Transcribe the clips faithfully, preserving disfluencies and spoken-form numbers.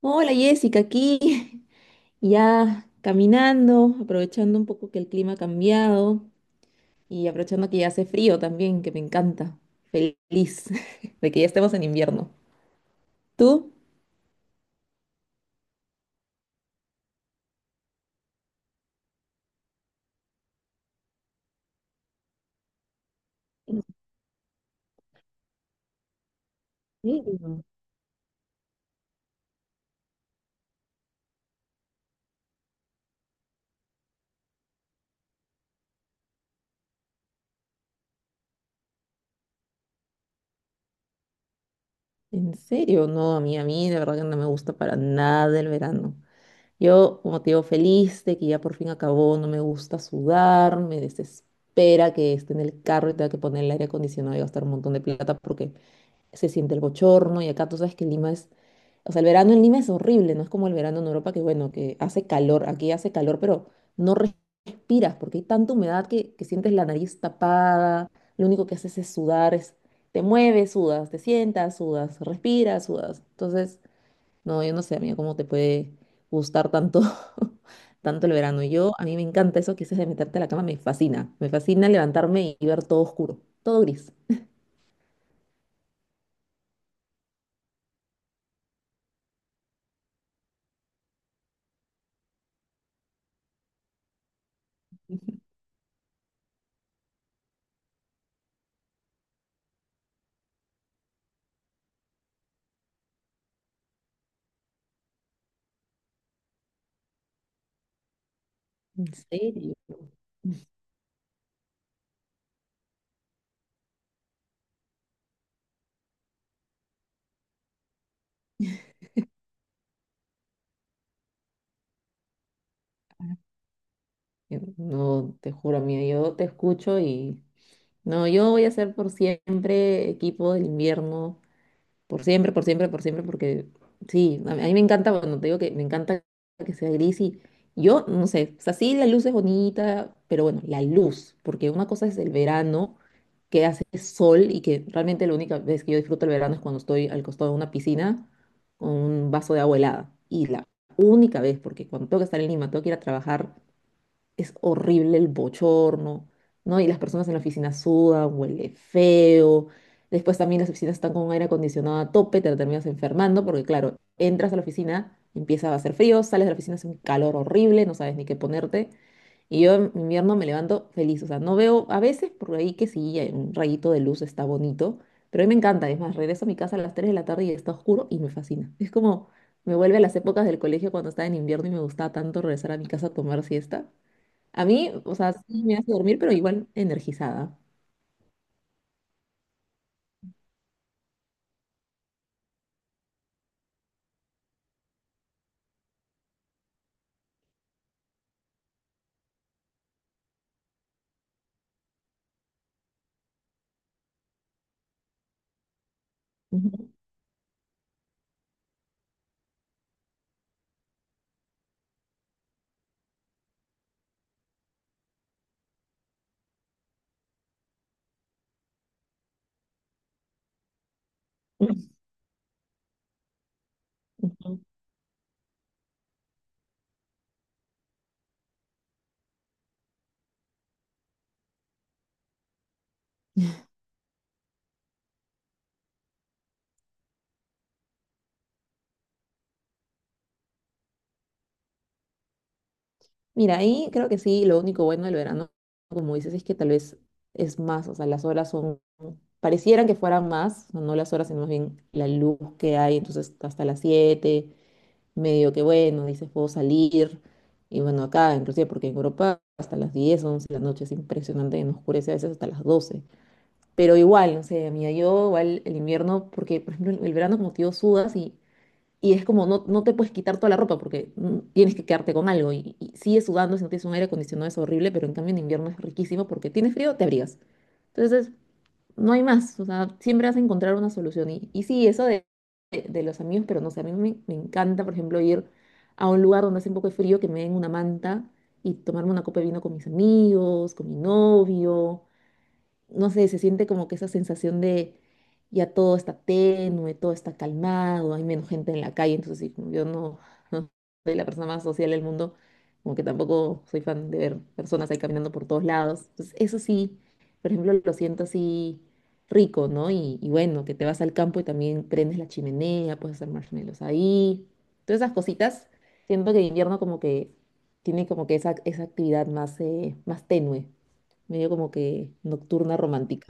Hola Jessica, aquí ya caminando, aprovechando un poco que el clima ha cambiado y aprovechando que ya hace frío también, que me encanta. Feliz de que ya estemos en invierno. ¿Tú? Mm. ¿En serio? No, a mí, a mí, de verdad que no me gusta para nada el verano. Yo, como te digo, feliz de que ya por fin acabó, no me gusta sudar, me desespera que esté en el carro y tenga que poner el aire acondicionado y gastar un montón de plata porque se siente el bochorno y acá tú sabes que Lima es, o sea, el verano en Lima es horrible, no es como el verano en Europa que bueno, que hace calor, aquí hace calor, pero no respiras porque hay tanta humedad que, que sientes la nariz tapada, lo único que haces es sudar, es, te mueves, sudas, te sientas, sudas, respiras, sudas. Entonces, no, yo no sé, amiga, cómo te puede gustar tanto. Tanto el verano. Yo, a mí me encanta eso que dices de meterte a la cama, me fascina. Me fascina levantarme y ver todo oscuro, todo gris. ¿En serio? Yo no, te juro, amiga, yo te escucho y no, yo voy a ser por siempre equipo del invierno, por siempre, por siempre, por siempre, porque sí, a mí, a mí me encanta, cuando te digo que me encanta que sea gris y yo, no sé, o sea, sí, la luz es bonita, pero bueno, la luz, porque una cosa es el verano, que hace sol y que realmente la única vez que yo disfruto el verano es cuando estoy al costado de una piscina con un vaso de agua helada. Y la única vez, porque cuando tengo que estar en Lima, tengo que ir a trabajar es horrible el bochorno, ¿no? Y las personas en la oficina sudan, huele feo. Después también las oficinas están con aire acondicionado a tope, te terminas enfermando porque, claro, entras a la oficina, empieza a hacer frío, sales de la oficina, hace un calor horrible, no sabes ni qué ponerte. Y yo en invierno me levanto feliz, o sea, no veo a veces por ahí que sí, hay un rayito de luz está bonito, pero a mí me encanta. Es más, regreso a mi casa a las tres de la tarde y está oscuro y me fascina. Es como me vuelve a las épocas del colegio cuando estaba en invierno y me gustaba tanto regresar a mi casa a tomar siesta. A mí, o sea, sí me hace dormir, pero igual energizada. Ujú. Ujú. Mira, ahí creo que sí, lo único bueno del verano, como dices, es que tal vez es más, o sea, las horas son, parecieran que fueran más, o no las horas, sino más bien la luz que hay, entonces hasta las siete medio que bueno, dices, puedo salir, y bueno, acá, inclusive porque en Europa hasta las diez, once, de la noche es impresionante, nos oscurece a veces hasta las doce, pero igual, no sé, mira, yo igual el invierno, porque por ejemplo el el verano como tío sudas y Y es como, no, no te puedes quitar toda la ropa porque mm, tienes que quedarte con algo. Y, y sigues sudando si no tienes un aire acondicionado, es horrible, pero en cambio en invierno es riquísimo porque tienes frío, te abrigas. Entonces, no hay más. O sea, siempre vas a encontrar una solución. Y, y sí, eso de, de- de los amigos, pero no sé, a mí me, me encanta, por ejemplo, ir a un lugar donde hace un poco de frío, que me den una manta y tomarme una copa de vino con mis amigos, con mi novio, no sé, se siente como que esa sensación de ya todo está tenue, todo está calmado, hay menos gente en la calle, entonces sí, como yo no, no soy la persona más social del mundo, como que tampoco soy fan de ver personas ahí caminando por todos lados. Entonces eso sí, por ejemplo, lo siento así rico, ¿no? Y, y bueno, que te vas al campo y también prendes la chimenea, puedes hacer marshmallows ahí, todas esas cositas, siento que en invierno como que tiene como que esa, esa actividad más, eh, más tenue, medio como que nocturna romántica.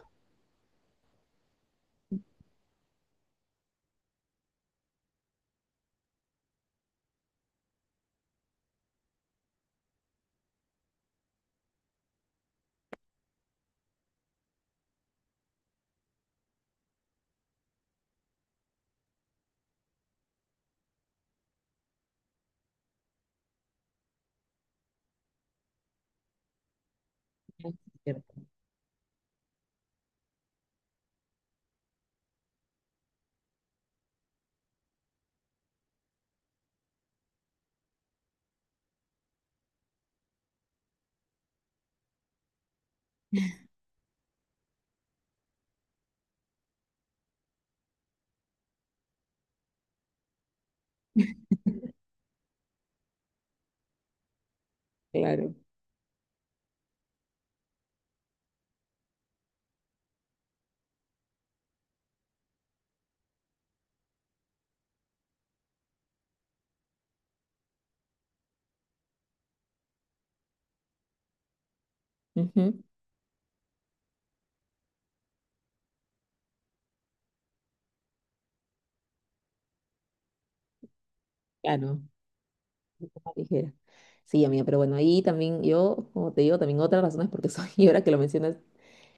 Ah, cierto. Claro. Ujú. Claro, más ligera. Sí, amiga, pero bueno, ahí también yo, como te digo, también otra razón es porque soy, y ahora que lo mencionas,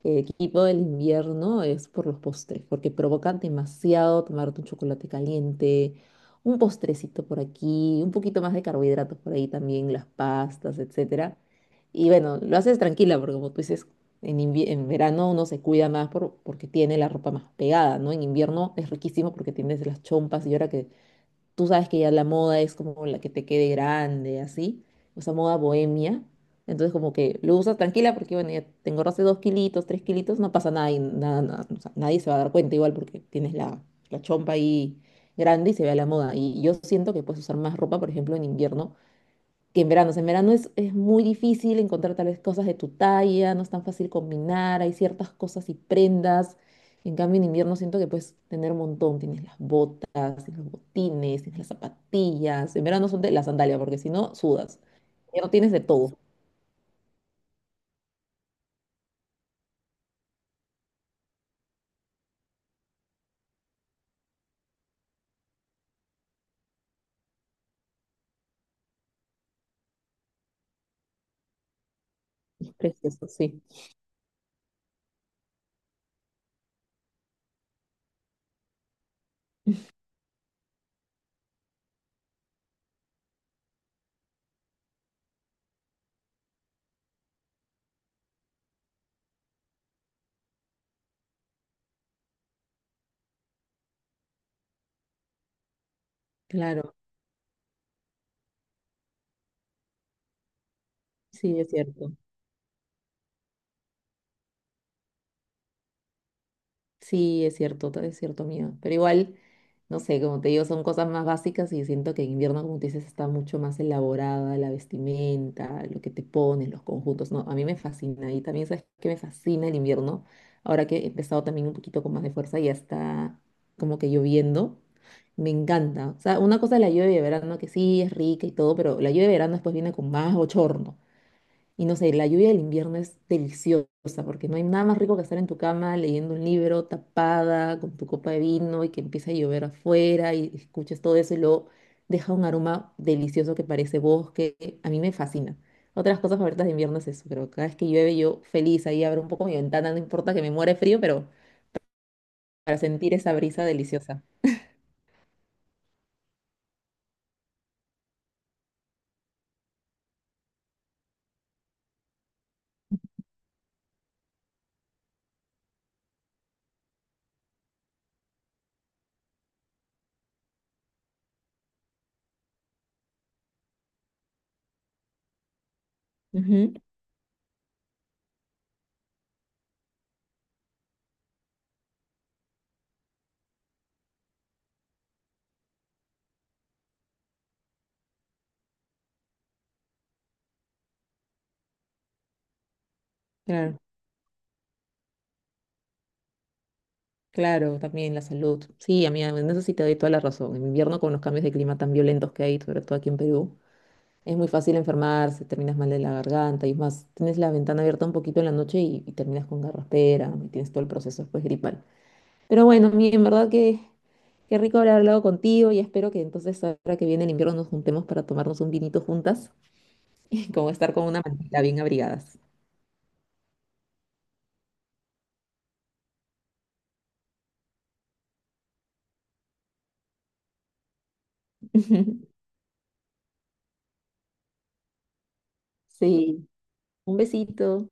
eh, equipo del invierno es por los postres, porque provocan demasiado tomarte un chocolate caliente, un postrecito por aquí, un poquito más de carbohidratos por ahí también, las pastas, etcétera. Y bueno, lo haces tranquila, porque como tú dices, en, invie- en verano uno se cuida más por- porque tiene la ropa más pegada, ¿no? En invierno es riquísimo porque tienes las chompas y ahora que tú sabes que ya la moda es como la que te quede grande, así, o sea, moda bohemia. Entonces, como que lo usas tranquila porque, bueno, ya te engordaste dos kilitos, tres kilitos, no pasa nada, y nada, nada, o sea, nadie se va a dar cuenta igual porque tienes la, la chompa ahí grande y se ve a la moda. Y yo siento que puedes usar más ropa, por ejemplo, en invierno que en verano. O sea, en verano es, es muy difícil encontrar tal vez cosas de tu talla, no es tan fácil combinar, hay ciertas cosas y prendas. En cambio, en invierno siento que puedes tener un montón. Tienes las botas, tienes los botines, tienes las zapatillas. En verano son de la sandalia, porque si no, sudas. Ya no tienes de todo. Es precioso, sí. Claro, sí, es cierto. Sí, es cierto, ta- es cierto, amiga. Pero igual, no sé, como te digo, son cosas más básicas y siento que en invierno, como tú dices, está mucho más elaborada la vestimenta, lo que te pones, los conjuntos, ¿no? A mí me fascina y también, ¿sabes qué me fascina el invierno? Ahora que he empezado también un poquito con más de fuerza y ya está como que lloviendo, me encanta. O sea, una cosa es la lluvia de verano, que sí, es rica y todo, pero la lluvia de verano después viene con más bochorno. Y no sé, la lluvia del invierno es deliciosa porque no hay nada más rico que estar en tu cama leyendo un libro tapada con tu copa de vino y que empieza a llover afuera y escuches todo eso y luego deja un aroma delicioso que parece bosque. A mí me fascina. Otras cosas favoritas de invierno es eso, pero cada vez que llueve yo feliz ahí abro un poco mi ventana, no importa que me muera de frío, pero para sentir esa brisa deliciosa. Ujú. Claro, claro, también la salud. Sí, amiga, en eso sí te doy toda la razón. En invierno con los cambios de clima tan violentos que hay, sobre todo aquí en Perú. Es muy fácil enfermarse, terminas mal de la garganta y es más, tienes la ventana abierta un poquito en la noche y, y terminas con garraspera y tienes todo el proceso después gripal. Pero bueno, mi, en verdad que qué rico haber hablado contigo y espero que entonces ahora que viene el invierno nos juntemos para tomarnos un vinito juntas y como estar con una mantita bien abrigadas. Sí, un besito.